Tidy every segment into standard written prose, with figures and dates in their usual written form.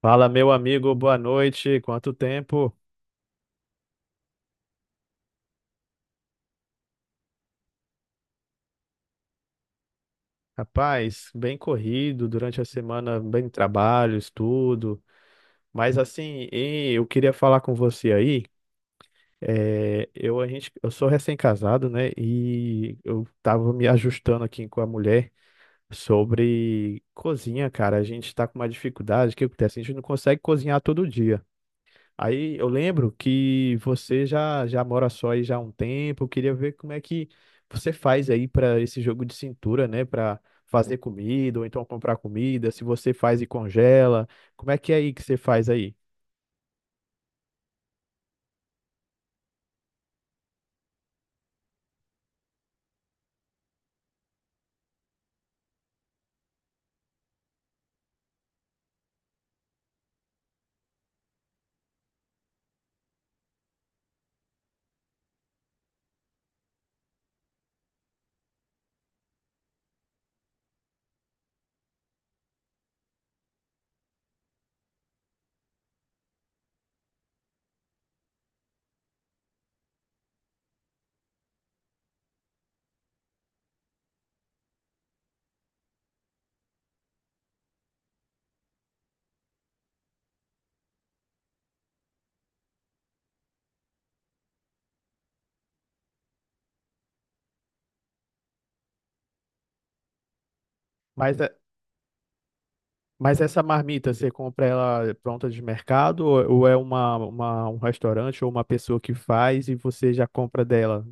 Fala, meu amigo, boa noite. Quanto tempo? Rapaz, bem corrido durante a semana, bem trabalho, estudo. Mas assim, e eu queria falar com você aí. Eu, a gente, eu sou recém-casado, né? E eu tava me ajustando aqui com a mulher sobre cozinha, cara. A gente tá com uma dificuldade. O que acontece? A gente não consegue cozinhar todo dia. Aí eu lembro que você já mora só aí já há um tempo. Eu queria ver como é que você faz aí para esse jogo de cintura, né? Para fazer comida ou então comprar comida. Se você faz e congela, como é que é aí que você faz aí? Mas, é- mas essa marmita, você compra ela pronta de mercado ou é uma, um restaurante ou uma pessoa que faz e você já compra dela?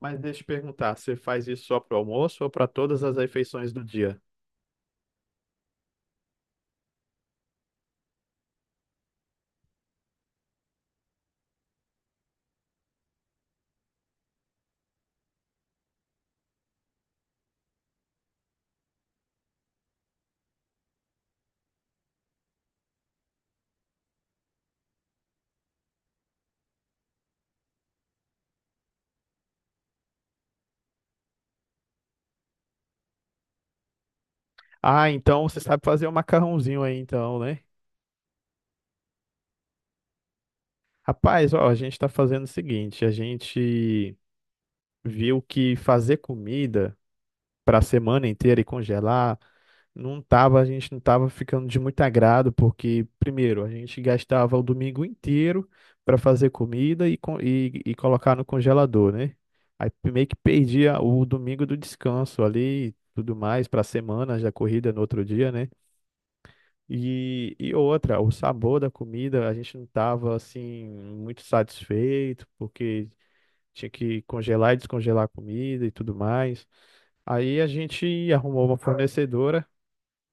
Mas deixa eu te perguntar, você faz isso só para o almoço ou para todas as refeições do dia? Ah, então você sabe fazer um macarrãozinho aí, então, né? Rapaz, ó, a gente tá fazendo o seguinte: a gente viu que fazer comida pra semana inteira e congelar não tava, a gente não tava ficando de muito agrado, porque, primeiro, a gente gastava o domingo inteiro para fazer comida e e colocar no congelador, né? Aí meio que perdia o domingo do descanso ali e tudo mais para a semana, já corrida no outro dia, né? E outra, o sabor da comida, a gente não estava assim muito satisfeito, porque tinha que congelar e descongelar a comida e tudo mais. Aí a gente arrumou uma fornecedora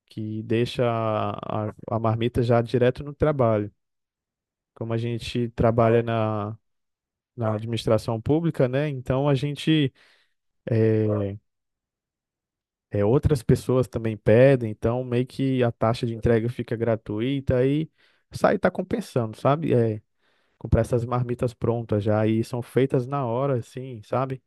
que deixa a marmita já direto no trabalho. Como a gente trabalha na administração pública, né? Então a gente é, é, outras pessoas também pedem, então meio que a taxa de entrega fica gratuita aí sai tá compensando, sabe? Comprar essas marmitas prontas já e são feitas na hora, assim, sabe?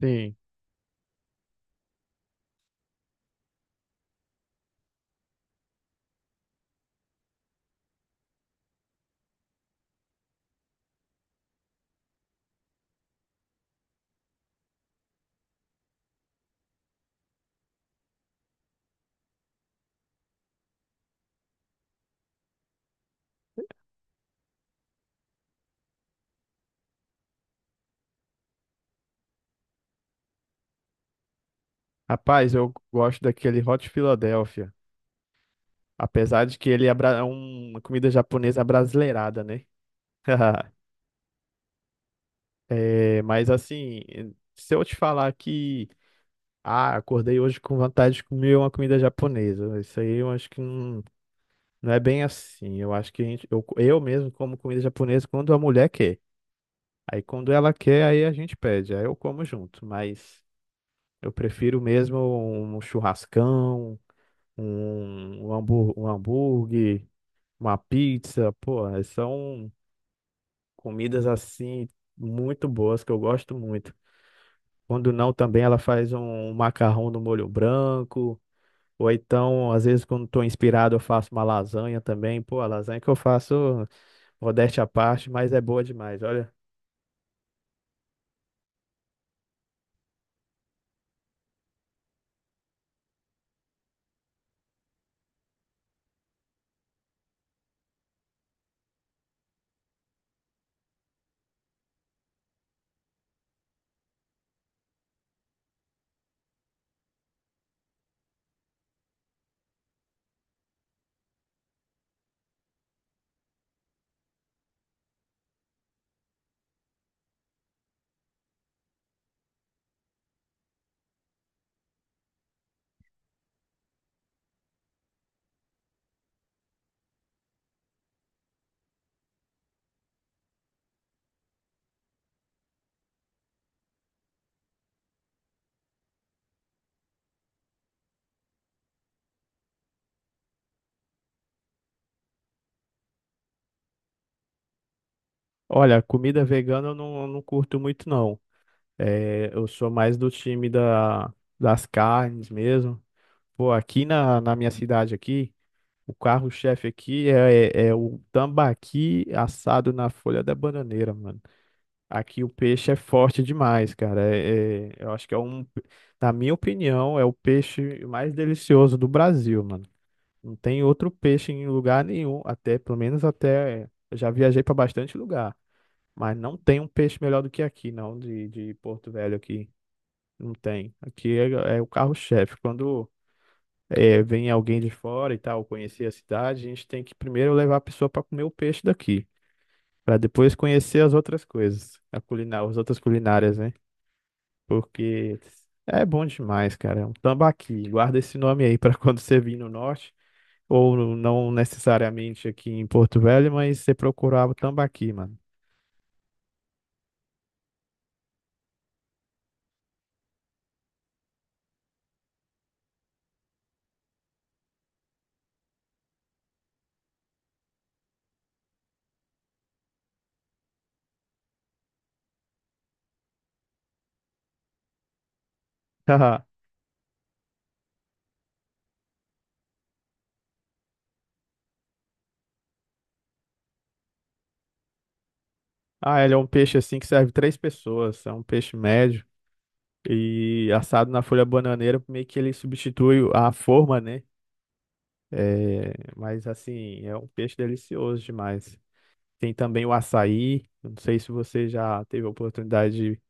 Sim. Rapaz, eu gosto daquele Hot Philadelphia, apesar de que ele é uma comida japonesa brasileirada, né? É, mas assim, se eu te falar que ah, acordei hoje com vontade de comer uma comida japonesa, isso aí eu acho que não, não é bem assim. Eu acho que a gente, eu mesmo como comida japonesa quando a mulher quer. Aí quando ela quer, aí a gente pede, aí eu como junto, mas eu prefiro mesmo um churrascão, um hambúrguer, uma pizza. Pô, são comidas assim muito boas que eu gosto muito. Quando não, também ela faz um macarrão no molho branco. Ou então, às vezes, quando estou inspirado, eu faço uma lasanha também. Pô, a lasanha que eu faço, modéstia à parte, mas é boa demais. Olha, comida vegana eu não, não curto muito, não. É, eu sou mais do time das carnes mesmo. Pô, aqui na minha cidade aqui, o carro-chefe aqui é, é o tambaqui assado na folha da bananeira, mano. Aqui o peixe é forte demais, cara. Eu acho que é na minha opinião, é o peixe mais delicioso do Brasil, mano. Não tem outro peixe em lugar nenhum, até, pelo menos até, eu já viajei pra bastante lugar, mas não tem um peixe melhor do que aqui, não, de Porto Velho aqui. Não tem. Aqui é, é o carro-chefe. Quando é, vem alguém de fora e tal, conhecer a cidade, a gente tem que primeiro levar a pessoa para comer o peixe daqui, para depois conhecer as outras coisas, a culinária, as outras culinárias, né? Porque é bom demais, cara. É um tambaqui. Guarda esse nome aí para quando você vir no norte, ou não necessariamente aqui em Porto Velho, mas você procurar o tambaqui, mano. Ah, ele é um peixe assim que serve três pessoas, é um peixe médio. E assado na folha bananeira, meio que ele substitui a forma, né? É, mas assim, é um peixe delicioso demais. Tem também o açaí. Eu Não sei se você já teve a oportunidade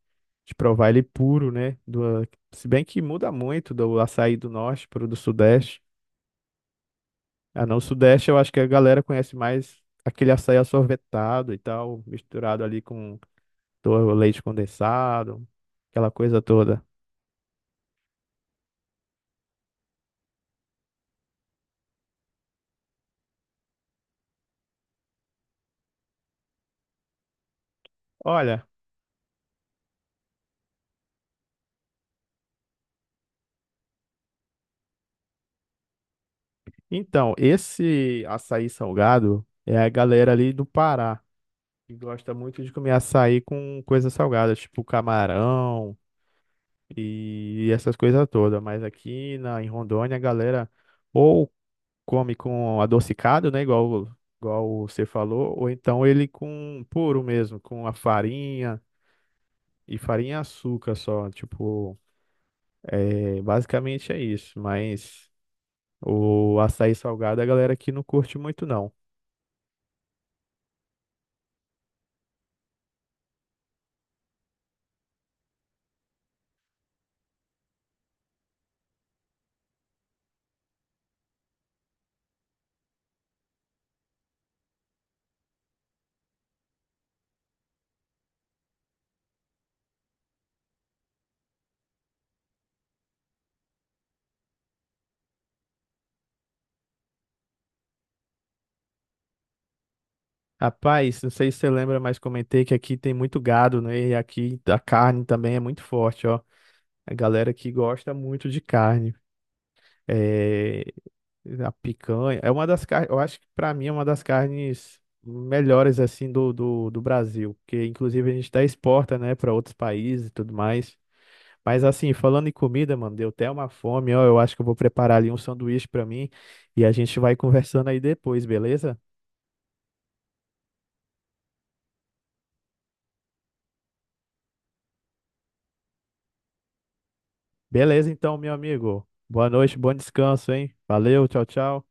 de provar ele puro, né? Do, se bem que muda muito do açaí do norte para o do sudeste. Ah, não, o sudeste eu acho que a galera conhece mais aquele açaí assorvetado e tal, misturado ali com leite condensado, aquela coisa toda. Olha, então, esse açaí salgado é a galera ali do Pará. E gosta muito de comer açaí com coisas salgadas, tipo camarão e essas coisas todas. Mas aqui em Rondônia, a galera ou come com adocicado, né? Igual, igual você falou, ou então ele com puro mesmo, com a farinha e açúcar só. Tipo, é, basicamente é isso. Mas o açaí salgado a galera aqui não curte muito, não. Rapaz, não sei se você lembra, mas comentei que aqui tem muito gado, né? E aqui a carne também é muito forte, ó. A galera que gosta muito de carne. É... A picanha. É uma das carnes, eu acho que pra mim é uma das carnes melhores, assim, do Brasil. Porque, inclusive, a gente até exporta, né, para outros países e tudo mais. Mas, assim, falando em comida, mano, deu até uma fome, ó. Eu acho que eu vou preparar ali um sanduíche pra mim e a gente vai conversando aí depois, beleza? Beleza, então, meu amigo. Boa noite, bom descanso, hein? Valeu, tchau, tchau.